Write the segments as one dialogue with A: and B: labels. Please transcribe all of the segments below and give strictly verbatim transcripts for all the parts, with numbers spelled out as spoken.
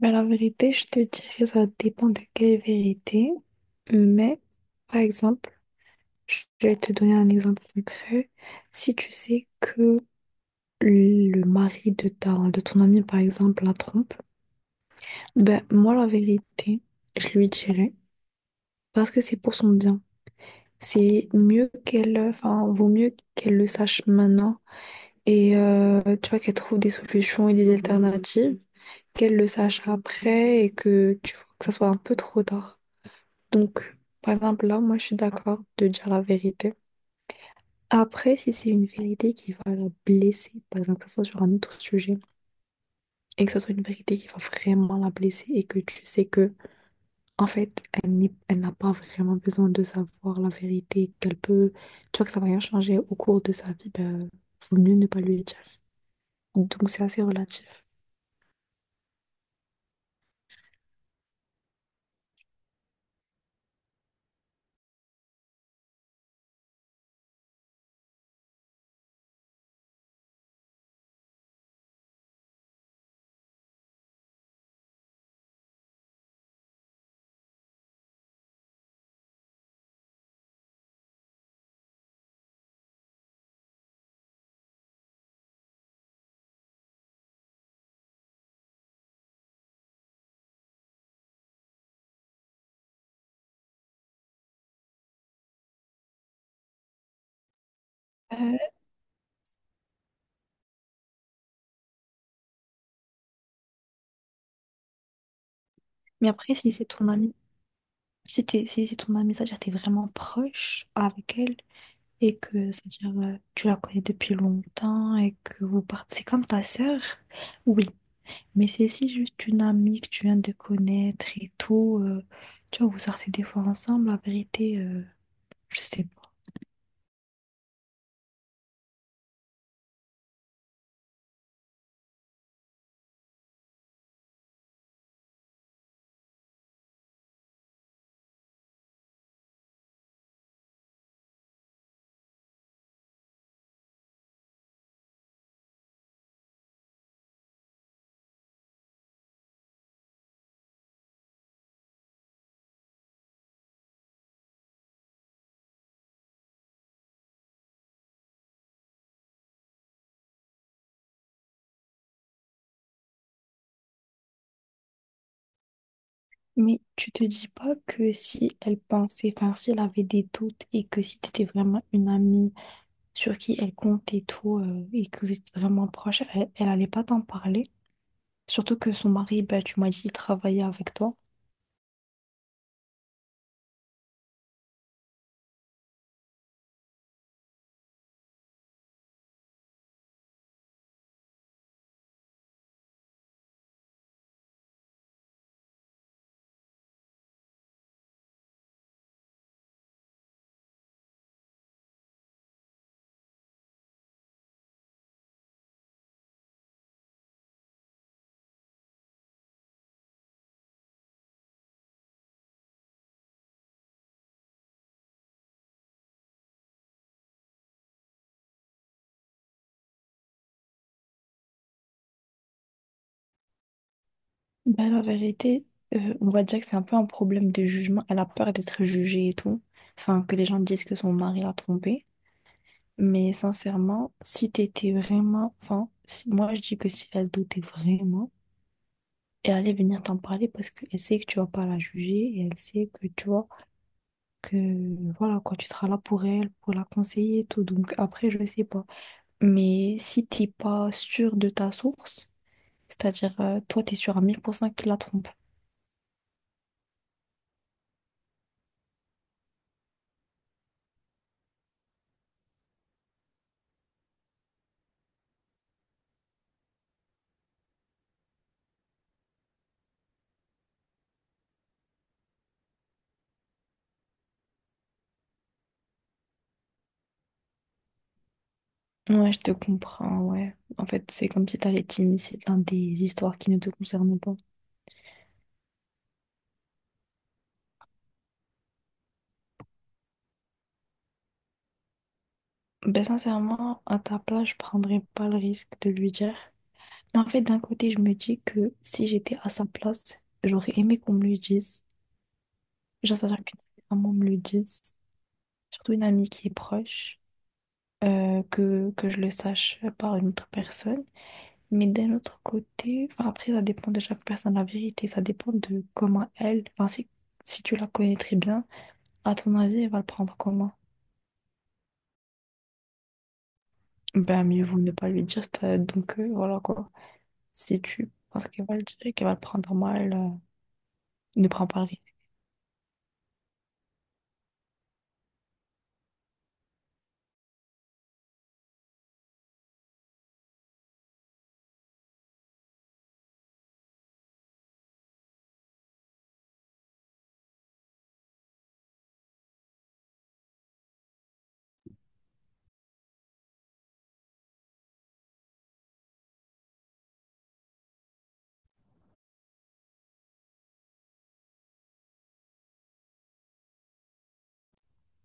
A: Mais la vérité, je te dirais, ça dépend de quelle vérité. Mais, par exemple, je vais te donner un exemple concret. Si tu sais que le mari de ta, de ton ami, par exemple, la trompe, ben, moi, la vérité, je lui dirais, parce que c'est pour son bien. C'est mieux qu'elle, enfin, vaut mieux qu'elle le sache maintenant et, euh, tu vois, qu'elle trouve des solutions et des alternatives, qu'elle le sache après et que, tu vois, que ça soit un peu trop tard. Donc, par exemple, là, moi, je suis d'accord de dire la vérité. Après, si c'est une vérité qui va la blesser, par exemple, que ce soit sur un autre sujet, et que ce soit une vérité qui va vraiment la blesser, et que tu sais que, en fait, elle n'est- elle n'a pas vraiment besoin de savoir la vérité, qu'elle peut, tu vois, que ça va rien changer au cours de sa vie, ben, vaut mieux ne pas lui dire. Donc, c'est assez relatif. Euh, mais après, si c'est ton ami, si t'es- si c'est ton ami, c'est-à-dire que t'es vraiment proche avec elle, et que, c'est-à-dire, euh, tu la connais depuis longtemps et que vous partez. C'est comme ta sœur, oui, mais c'est si juste une amie que tu viens de connaître et tout. Euh, tu vois, vous sortez des fois ensemble, la vérité, euh, je sais pas. Mais tu te dis pas que si elle pensait, enfin si elle avait des doutes et que si t'étais vraiment une amie sur qui elle compte et tout, euh, et que vous étiez vraiment proches, elle, elle allait pas t'en parler. Surtout que son mari, ben, tu m'as dit, il travaillait avec toi. Bah, la vérité, euh, on va dire que c'est un peu un problème de jugement. Elle a peur d'être jugée et tout. Enfin, que les gens disent que son mari l'a trompée. Mais sincèrement, si t'étais vraiment... Enfin, si- moi, je dis que si elle doutait vraiment, elle allait venir t'en parler parce qu'elle sait que tu vas pas la juger et elle sait que tu vois que... Voilà, quoi, tu seras là pour elle, pour la conseiller et tout. Donc après, je sais pas. Mais si t'es pas sûr de ta source, c'est-à-dire, euh, toi, t'es sûr à mille pour cent qu'il l'a trompée. Ouais, je te comprends, ouais. En fait, c'est comme si t'avais été initié dans des histoires qui ne te concernent pas. Ben sincèrement, à ta place, je prendrais pas le risque de lui dire. Mais en fait, d'un côté, je me dis que si j'étais à sa place, j'aurais aimé qu'on me le dise. Genre, ça qu'une maman me le dise. Surtout une amie qui est proche, euh, que, que je le sache par une autre personne. Mais d'un autre côté, enfin après, ça dépend de chaque personne, la vérité. Ça dépend de comment elle, enfin si, si tu la connais très bien. À ton avis, il va le prendre comment? Ben, mieux vaut ne pas lui dire, c'est- euh, donc euh, voilà quoi. Si tu penses qu'il va le dire, et qu'elle va le prendre mal, euh, ne prends pas le risque.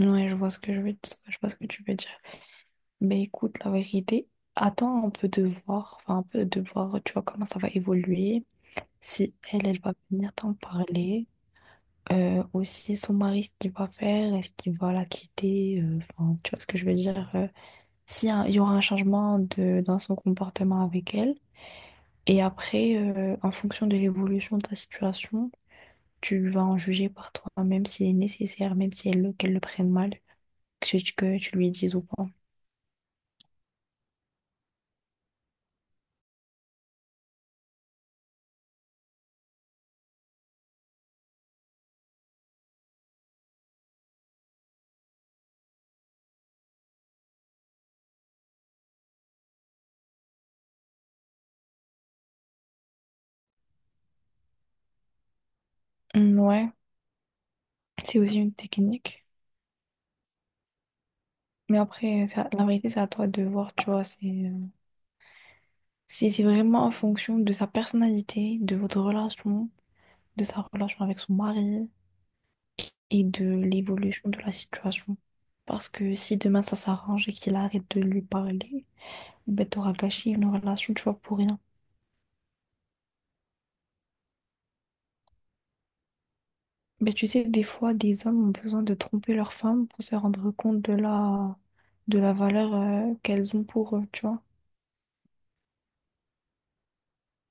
A: Ouais, je vois ce que je veux dire, je vois ce que tu veux dire. Mais écoute, la vérité, attends un peu de voir, enfin un peu de voir, tu vois, comment ça va évoluer. Si elle, elle va venir t'en parler. Euh, aussi son mari, ce qu'il va faire, est-ce qu'il va la quitter, euh, enfin, tu vois ce que je veux dire, euh, s'il y a- il y aura un changement de, dans son comportement avec elle, et après, euh, en fonction de l'évolution de ta situation, tu vas en juger par toi-même si est nécessaire, même si elle, le- qu'elle le prenne mal, que, tu- que tu lui dises ou pas. Mm. Ouais. C'est aussi une technique. Mais après, ça- la vérité, c'est à toi de voir, tu vois. C'est euh, c'est- c'est vraiment en fonction de sa personnalité, de votre relation, de sa relation avec son mari et de l'évolution de la situation. Parce que si demain ça s'arrange et qu'il arrête de lui parler, ben t'auras gâché une relation, tu vois, pour rien. Ben tu sais, des fois, des hommes ont besoin de tromper leur femme pour se rendre compte de la, de la valeur euh, qu'elles ont pour eux, tu vois.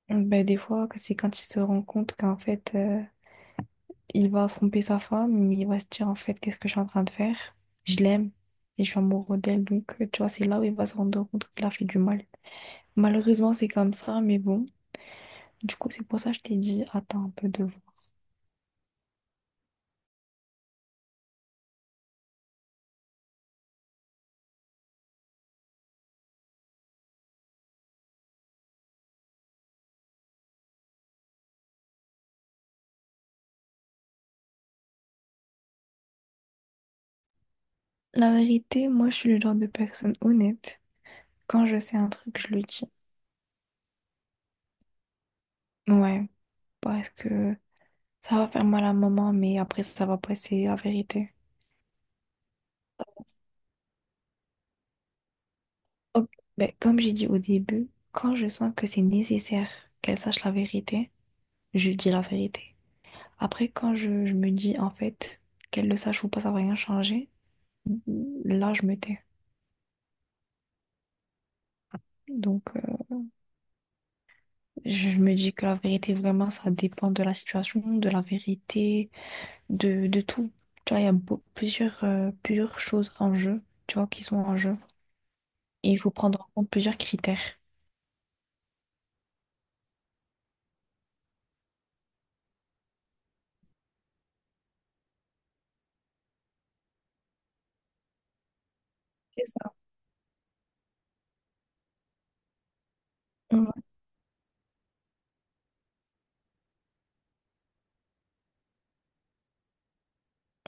A: Ben, des fois, c'est quand ils se rendent compte qu'en fait... euh, il va tromper sa femme, il va se dire en fait qu'est-ce que je suis en train de faire? Je l'aime et je suis amoureux d'elle. Donc, euh, tu vois, c'est là où il va se rendre compte qu'il a fait du mal. Malheureusement, c'est comme ça, mais bon. Du coup, c'est pour ça que je t'ai dit, attends un peu de voir. La vérité, moi, je suis le genre de personne honnête. Quand je sais un truc, je le dis. Ouais, parce que ça va faire mal à maman, mais après, ça va passer, la vérité. Ok. Ben, comme j'ai dit au début, quand je sens que c'est nécessaire qu'elle sache la vérité, je dis la vérité. Après, quand je, je me dis, en fait, qu'elle le sache ou pas, ça va rien changer, là, je me tais. Donc, euh, je me dis que la vérité, vraiment, ça dépend de la situation, de la vérité, de, de tout. Tu vois, il y a beau- plusieurs, euh, plusieurs choses en jeu, tu vois, qui sont en jeu. Et il faut prendre en compte plusieurs critères. C'est ça. Ouais.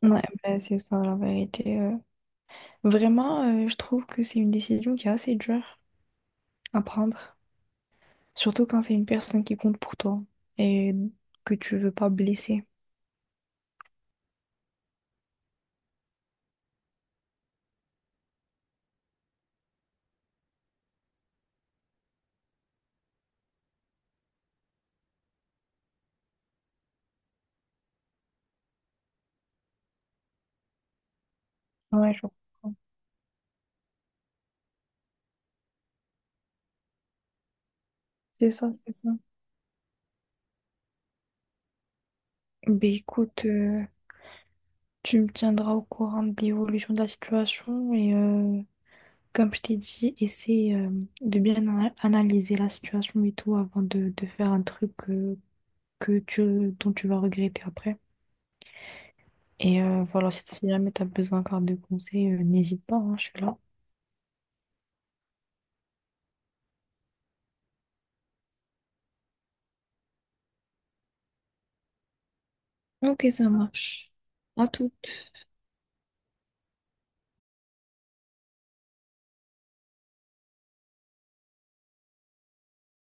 A: Ouais, ben, c'est ça, la vérité. euh. Vraiment, euh, je trouve que c'est une décision qui est assez dure à prendre. Surtout quand c'est une personne qui compte pour toi et que tu veux pas blesser. Ouais, je comprends. C'est ça, c'est ça. Ben écoute, euh, tu me tiendras au courant de l'évolution de la situation et euh, comme je t'ai dit, essaie euh, de bien ana- analyser la situation et tout avant de, de faire un truc euh, que tu, dont tu vas regretter après. Et euh, voilà, si si jamais tu as besoin encore de conseils, euh, n'hésite pas, hein, je suis là. Ok, ça marche. À toutes.